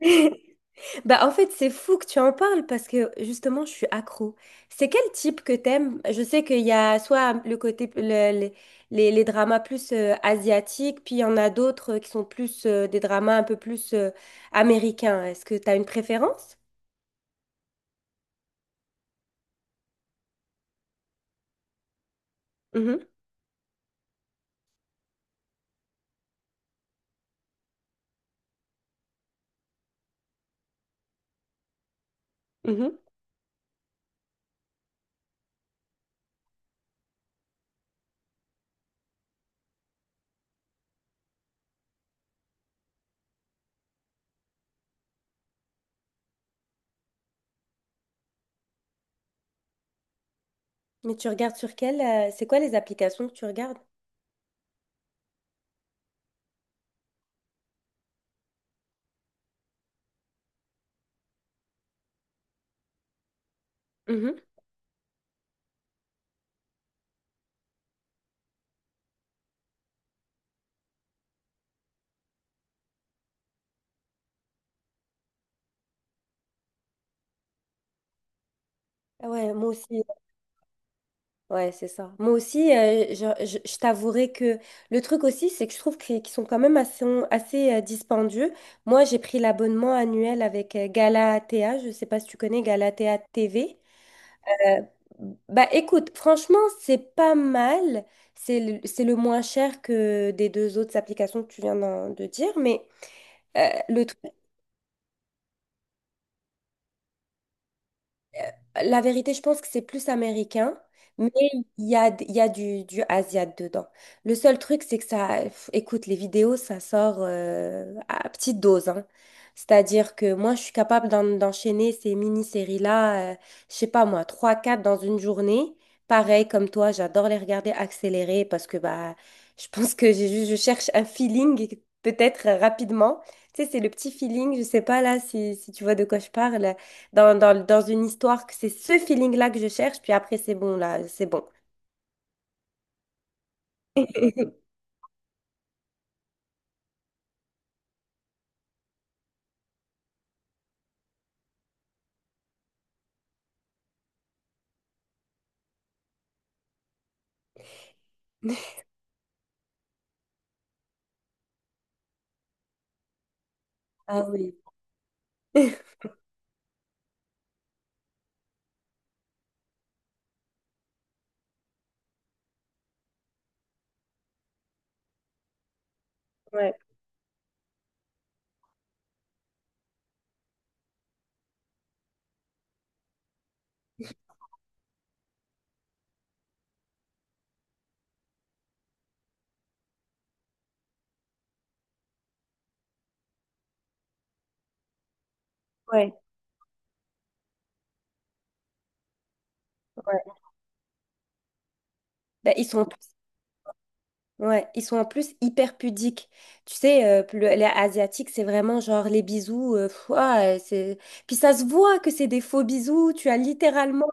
C'est fou que tu en parles parce que justement, je suis accro. C'est quel type que t'aimes? Je sais qu'il y a soit le côté le- les dramas plus asiatiques, puis il y en a d'autres qui sont plus des dramas un peu plus américains. Est-ce que t'as une préférence? Mhm, mhm. Mais tu regardes sur quelle c'est quoi les applications que tu regardes? Mhm. Ah ouais, moi aussi. Ouais, c'est ça. Moi aussi, je t'avouerai que le truc aussi, c'est que je trouve qu'ils sont quand même assez dispendieux. Moi, j'ai pris l'abonnement annuel avec Galatea. Je sais pas si tu connais Galatea TV. Euh, bah écoute, franchement, c'est pas mal. C'est le moins cher que des deux autres applications que tu viens de dire. Euh, le truc, La vérité, je pense que c'est plus américain, mais il y a du Asiat dedans. Le seul truc, c'est que ça, pff, écoute, les vidéos, ça sort à petite dose, hein. C'est-à-dire que moi, je suis capable d'enchaîner ces mini-séries-là, je sais pas moi, trois quatre dans une journée. Pareil, comme toi, j'adore les regarder accélérées parce que bah, je pense que j'ai juste, je cherche un feeling, peut-être rapidement. Tu sais, c'est le petit feeling, je sais pas là si, si tu vois de quoi je parle dans une histoire que c'est ce feeling-là que je cherche, puis après, c'est bon, là, c'est bon. Ah oui. Ouais, ouais, ouais. Ben, ils sont, en plus- ouais, ils sont en plus hyper pudiques. Tu sais, les Asiatiques, c'est vraiment genre les bisous. Pff, ouah, c'est... Puis ça se voit que c'est des faux bisous. Tu as littéralement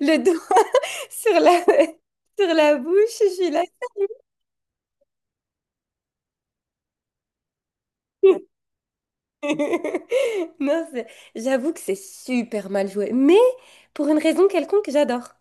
le doigt sur la, sur la bouche. Je suis là. Non, c'est- j'avoue que c'est super mal joué. Mais pour une raison quelconque, j'adore.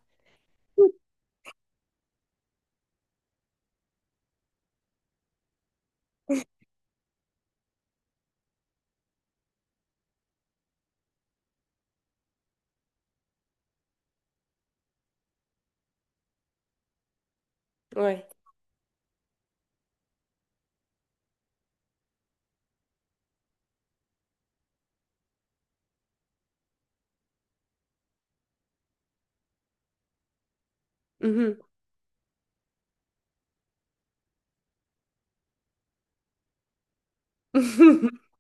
Ouais. Mhm.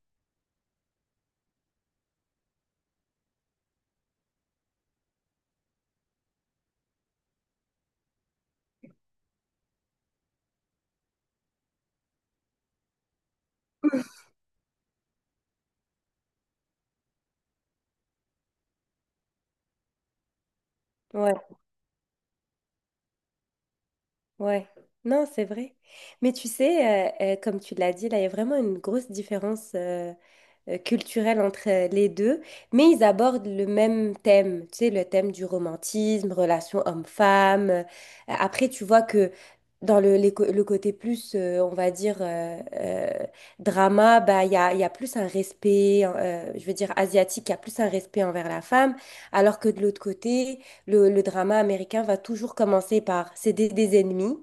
Ouais, ouais. Non, c'est vrai. Mais tu sais, comme tu l'as dit, là, il y a vraiment une grosse différence. Culturel entre les deux, mais ils abordent le même thème, tu sais, le thème du romantisme, relation homme-femme. Après, tu vois que dans le, les co- le côté plus, on va dire, drama, bah, il y a plus un respect, je veux dire, asiatique, il y a plus un respect envers la femme, alors que de l'autre côté, le drama américain va toujours commencer par c'est des ennemis.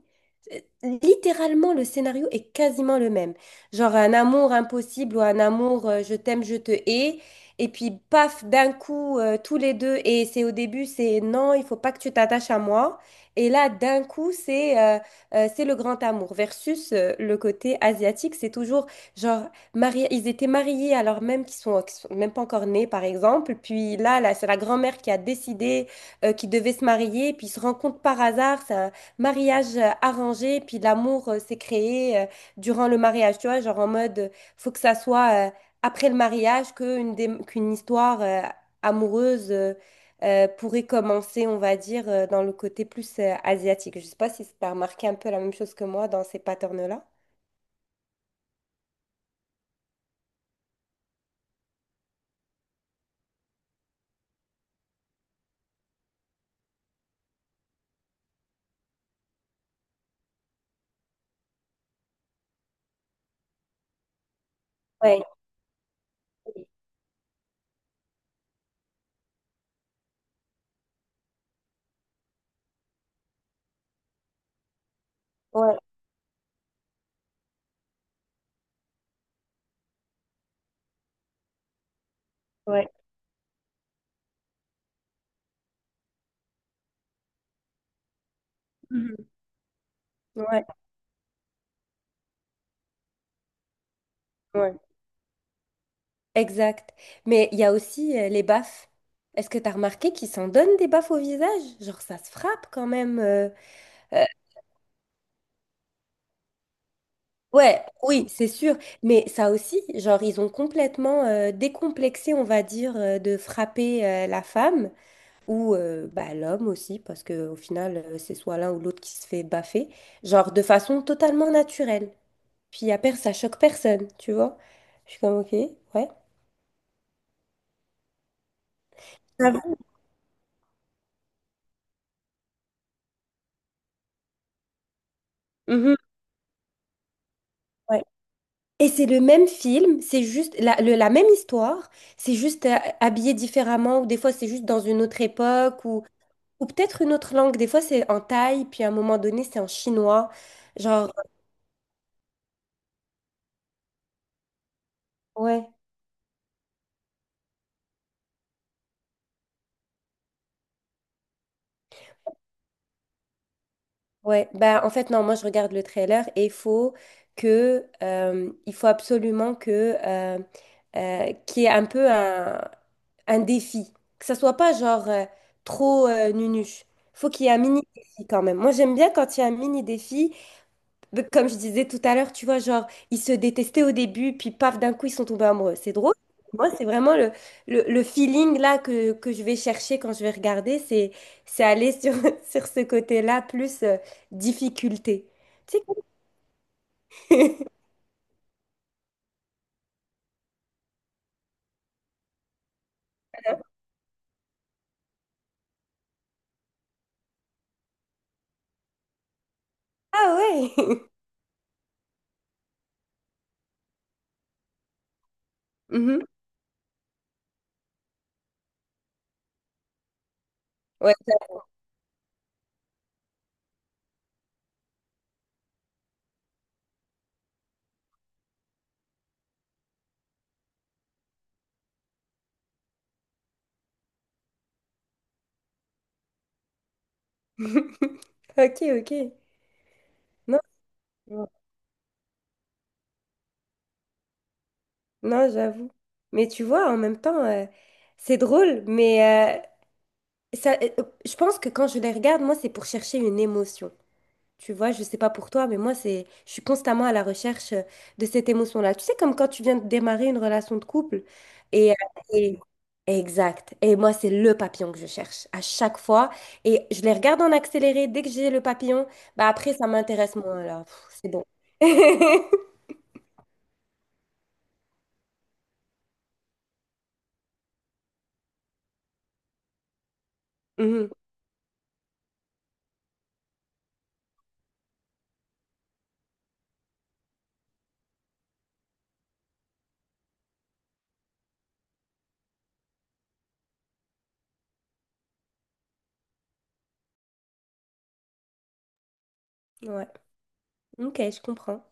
Euh, Littéralement, le scénario est quasiment le même genre un amour impossible ou un amour je t'aime, je te hais. Et puis, paf, d'un coup, tous les deux, et c'est au début, c'est non, il faut pas que tu t'attaches à moi. Et là, d'un coup, c'est le grand amour versus le côté asiatique. C'est toujours genre, mariés, ils étaient mariés alors même qu'ils sont même pas encore nés, par exemple. Puis là, c'est la grand-mère qui a décidé qu'ils devaient se marier. Puis ils se rencontrent par hasard. C'est un mariage arrangé. Puis l'amour s'est créé. Durant le mariage, tu vois, genre en mode, faut que ça soit après le mariage qu'une histoire amoureuse pourrait commencer, on va dire, dans le côté plus asiatique. Je sais pas si tu as remarqué un peu la même chose que moi dans ces patterns-là. Ouais, ouais, ouais. Mhm. Ouais, ouais. Exact. Mais il y a aussi les baffes. Est-ce que tu as remarqué qu'ils s'en donnent des baffes au visage? Genre, ça se frappe quand même. Euh, ouais, oui, c'est sûr. Mais ça aussi, genre, ils ont complètement décomplexé, on va dire, de frapper la femme ou bah, l'homme aussi, parce que au final, c'est soit l'un ou l'autre qui se fait baffer, genre de façon totalement naturelle. Puis à après, ça choque personne, tu vois. Je suis comme, ok, ouais. Ah bon. Mhm, ouais. Et c'est le même film, c'est juste la même histoire, c'est juste habillé différemment, ou des fois c'est juste dans une autre époque, ou peut-être une autre langue. Des fois, c'est en thaï, puis à un moment donné, c'est en chinois. Genre, ouais, ouais. Ben, en fait, non, moi, je regarde le trailer et il faut il faut absolument qu'il y ait un défi. Que ça soit pas genre trop nunuche. Faut qu'il y ait un mini défi quand même. Moi, j'aime bien quand il y a un mini défi de- comme je disais tout à l'heure, tu vois, genre, ils se détestaient au début, puis paf, d'un coup, ils sont tombés amoureux. C'est drôle. Moi, c'est vraiment le feeling là que je vais chercher quand je vais regarder, c'est aller sur, sur ce côté-là, plus difficulté. Tu sais, que- ah ouais! Mhm. Ouais, ça- Ok, ok. Non, non, j'avoue. Mais tu vois, en même temps, c'est drôle, mais euh, ça, euh, je pense que quand je les regarde, moi, c'est pour chercher une émotion. Tu vois, je sais pas pour toi, mais moi, je suis constamment à la recherche de cette émotion-là. Tu sais, comme quand tu viens de démarrer une relation de couple. Et, euh, et- exact. Et moi, c'est le papillon que je cherche à chaque fois. Et je les regarde en accéléré. Dès que j'ai le papillon, bah après, ça m'intéresse moins, là. Pff, c'est bon. Mhm. Ouais. Ok, je comprends.